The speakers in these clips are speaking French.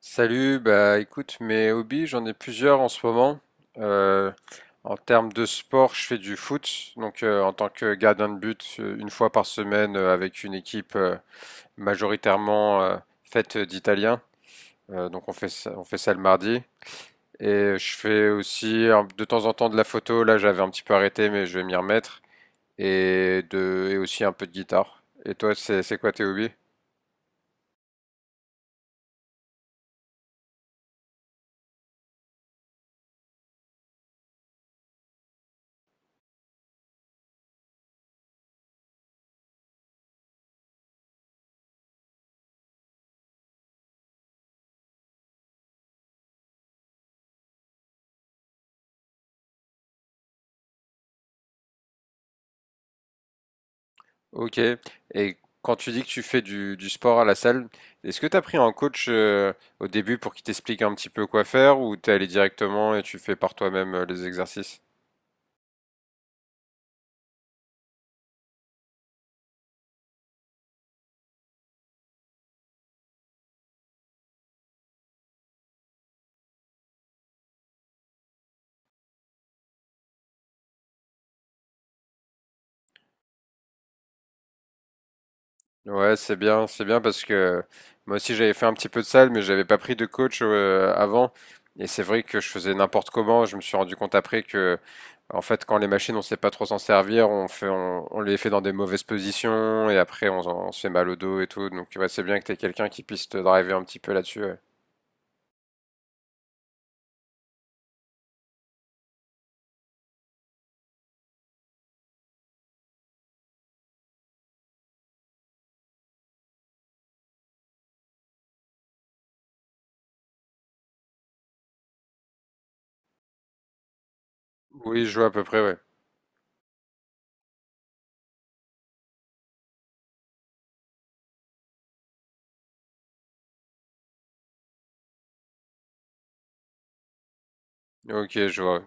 Salut, bah écoute, mes hobbies, j'en ai plusieurs en ce moment. Euh, En termes de sport, je fais du foot, donc en tant que gardien de but, une fois par semaine avec une équipe majoritairement faite d'Italiens. Donc on fait ça le mardi. Et je fais aussi de temps en temps de la photo. Là, j'avais un petit peu arrêté, mais je vais m'y remettre. Et aussi un peu de guitare. Et toi, c'est quoi tes hobbies? Ok. Et quand tu dis que tu fais du sport à la salle, est-ce que tu as pris un coach au début pour qu'il t'explique un petit peu quoi faire ou t'es allé directement et tu fais par toi-même les exercices? Ouais, c'est bien parce que moi aussi j'avais fait un petit peu de salle, mais j'avais pas pris de coach avant. Et c'est vrai que je faisais n'importe comment. Je me suis rendu compte après que, en fait, quand les machines, on sait pas trop s'en servir, on fait, on les fait dans des mauvaises positions et après on se fait mal au dos et tout. Donc ouais, c'est bien que t'aies quelqu'un qui puisse te driver un petit peu là-dessus, ouais. Oui, je vois à peu près, ouais. Ok, je vois.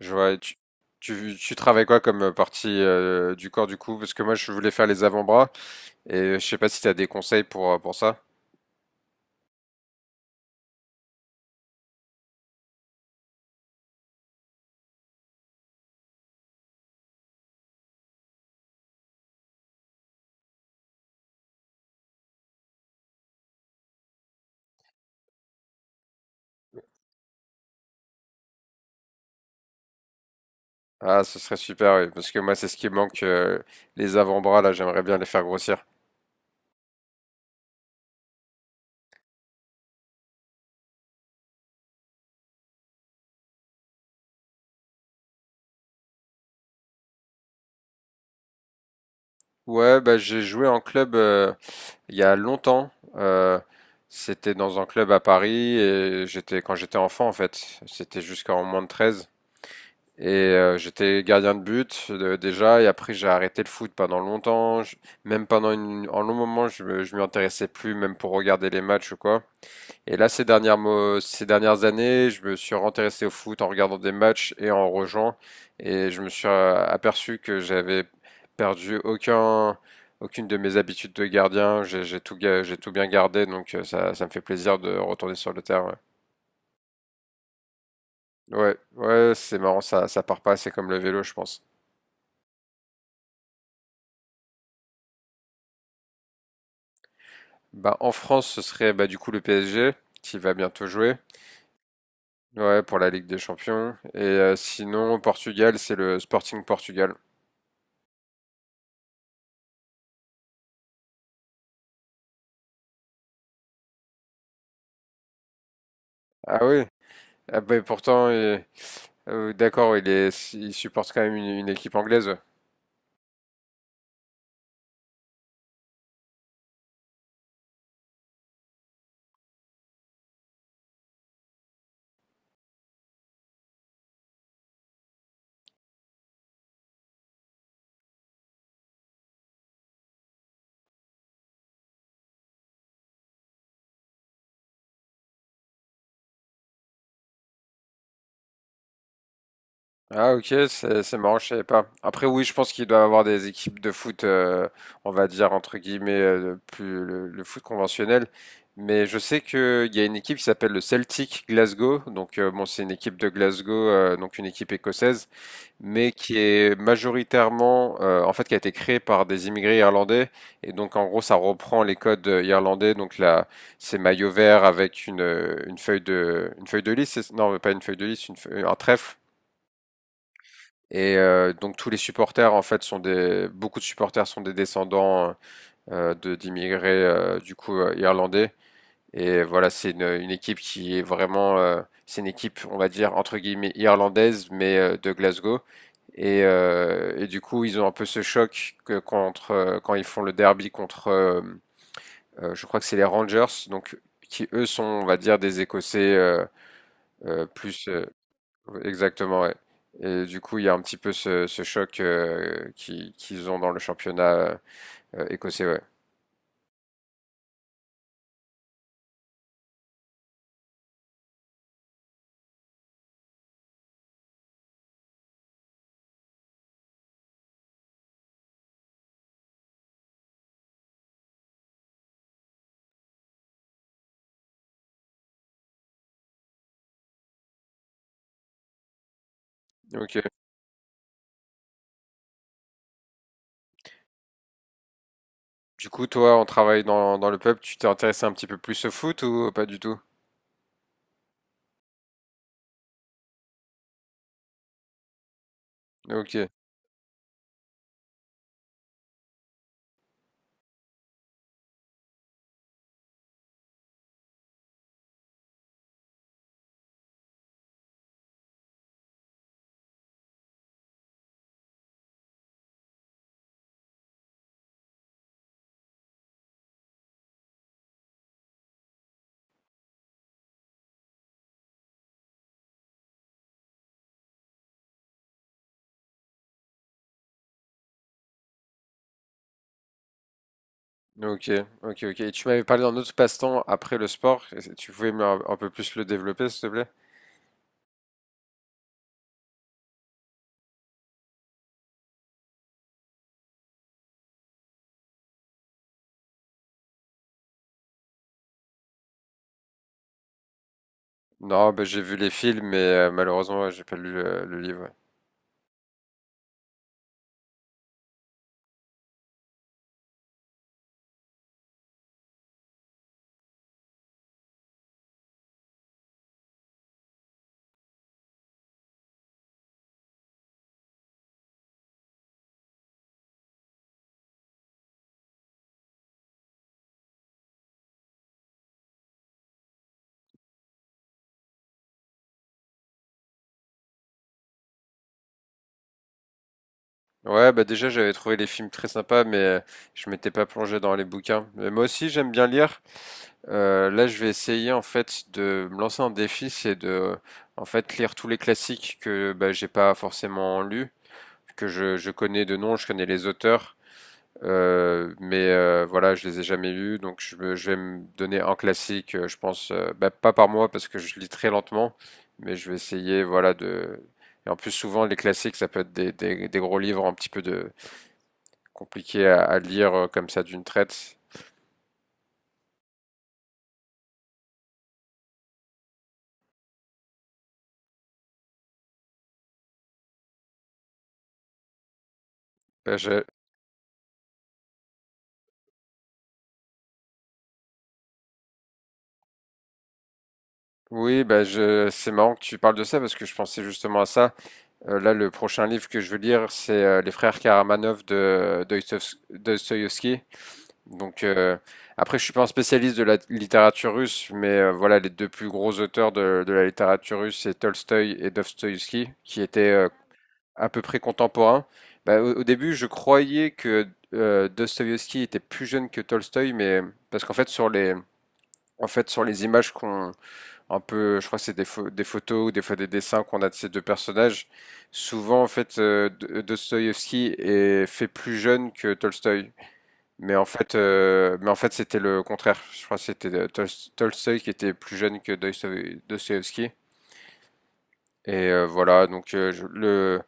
Je vois. Tu travailles quoi comme partie du corps du coup? Parce que moi, je voulais faire les avant-bras et je sais pas si tu as des conseils pour ça. Ah, ce serait super, oui, parce que moi, c'est ce qui me manque, les avant-bras, là, j'aimerais bien les faire grossir. Ouais, bah, j'ai joué en club il y a longtemps. C'était dans un club à Paris et j'étais quand j'étais enfant, en fait. C'était jusqu'en moins de 13. Et j'étais gardien de but déjà, et après j'ai arrêté le foot pendant longtemps. Même un long moment, je m'y intéressais plus, même pour regarder les matchs ou quoi. Et là, ces dernières années, je me suis intéressé au foot en regardant des matchs et en rejoignant. Et je me suis aperçu que j'avais perdu aucun, aucune de mes habitudes de gardien. J'ai tout bien gardé, donc ça, ça me fait plaisir de retourner sur le terrain. Ouais, ouais, ouais, c'est marrant, ça part pas, c'est comme le vélo, je pense. Bah, en France, ce serait bah, du coup le PSG qui va bientôt jouer, ouais, pour la Ligue des Champions. Et sinon, au Portugal, c'est le Sporting Portugal. Ah oui, ah, bah, d'accord, il supporte quand même une équipe anglaise. Ah ok, c'est marrant, je savais pas. Après oui, je pense qu'il doit avoir des équipes de foot, on va dire entre guillemets, plus le foot conventionnel. Mais je sais qu'il y a une équipe qui s'appelle le Celtic Glasgow. Donc bon, c'est une équipe de Glasgow, donc une équipe écossaise, mais qui est majoritairement, en fait, qui a été créé par des immigrés irlandais. Et donc, en gros, ça reprend les codes irlandais. Donc là, c'est maillot vert avec une feuille une feuille de lys. Non, pas une feuille de lys, un trèfle. Et donc tous les supporters en fait sont des beaucoup de supporters sont des descendants de d'immigrés irlandais et voilà c'est une équipe qui est vraiment c'est une équipe on va dire entre guillemets irlandaise mais de Glasgow et du coup, ils ont un peu ce choc quand ils font le derby je crois que c'est les Rangers, donc qui eux sont, on va dire, des Écossais plus exactement, ouais. Et du coup, il y a un petit peu ce choc qu'ils ont dans le championnat écossais. Ouais. Ok. Du coup, toi, en travaillant dans le pub, tu t'es intéressé un petit peu plus au foot ou pas du tout? Ok, ok, ok. Et tu m'avais parlé d'un autre passe-temps après le sport. Tu pouvais me- un peu plus le développer, s'il te plaît? Non, bah, j'ai vu les films, mais malheureusement, ouais, j'ai pas lu le livre. Ouais, bah déjà, j'avais trouvé les films très sympas, mais je m'étais pas plongé dans les bouquins. Mais moi aussi, j'aime bien lire. Là, je vais essayer en fait de me lancer un défi, c'est de en fait lire tous les classiques que bah, j'ai pas forcément lus, je connais de nom, je connais les auteurs. Voilà, je les ai jamais lus, donc je vais me donner un classique, je pense, bah, pas par mois parce que je lis très lentement, mais je vais essayer, voilà, de. Et en plus, souvent, les classiques, ça peut être des gros livres un petit peu de compliqués à lire comme ça d'une traite. Bah, je- Oui, bah je... c'est marrant que tu parles de ça parce que je pensais justement à ça. Là, le prochain livre que je veux lire, c'est Les Frères Karamazov de Dostoïevski. Donc après, je suis pas un spécialiste de la littérature russe, mais voilà, les deux plus gros auteurs de la littérature russe, c'est Tolstoï et Dostoïevski, qui étaient à peu près contemporains. Au début, je croyais que Dostoïevski était plus jeune que Tolstoï, mais parce qu'en fait, sur les images qu'on un peu, je crois que c'est des photos ou des fois des dessins qu'on a de ces deux personnages, souvent en fait, Dostoïevski est fait plus jeune que Tolstoï. Mais en fait, c'était le contraire. Je crois que c'était Tolstoï qui était plus jeune que Dostoïevski. Et voilà, donc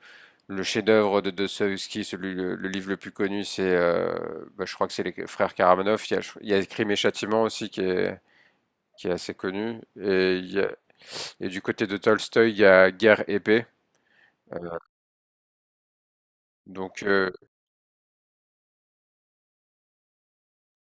le chef-d'œuvre de Dostoïevski, le livre le plus connu, c'est, bah, je crois que c'est les frères Karamazov. Il y a Crime et Châtiment aussi qui est assez connu. Et du côté de Tolstoï, il y a Guerre et Paix. Euh, donc euh,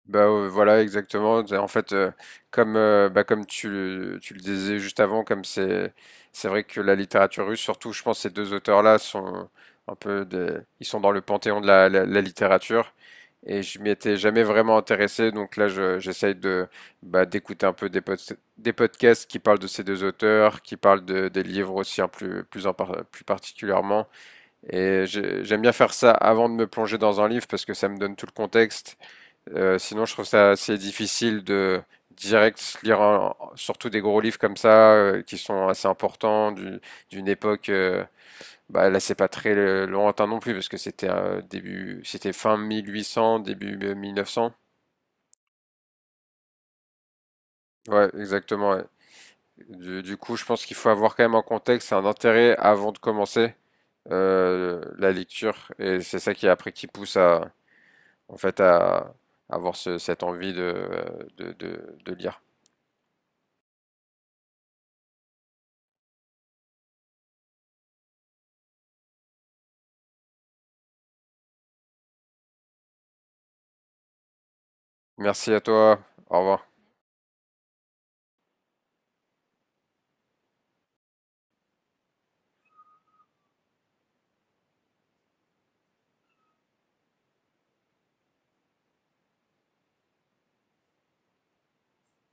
Bah, voilà exactement, en fait, comme tu le disais juste avant, comme c'est vrai que la littérature russe, surtout je pense ces 2 auteurs-là sont un peu des ils sont dans le panthéon de la littérature et je m'y étais jamais vraiment intéressé donc là je j'essaye de, bah, d'écouter un peu des podcasts qui parlent de ces 2 auteurs, qui parlent de des livres aussi, hein, plus particulièrement et j'aime bien faire ça avant de me plonger dans un livre parce que ça me donne tout le contexte sinon, je trouve ça assez difficile de direct se lire surtout des gros livres comme ça qui sont assez importants d'une époque. Bah là, c'est pas très lointain non plus parce que c'était c'était fin 1800, début 1900. Ouais, exactement, ouais. Du coup, je pense qu'il faut avoir quand même un contexte et un intérêt avant de commencer la lecture et c'est ça qui après qui pousse à en fait à avoir cette envie de, de lire. Merci à toi. Au revoir.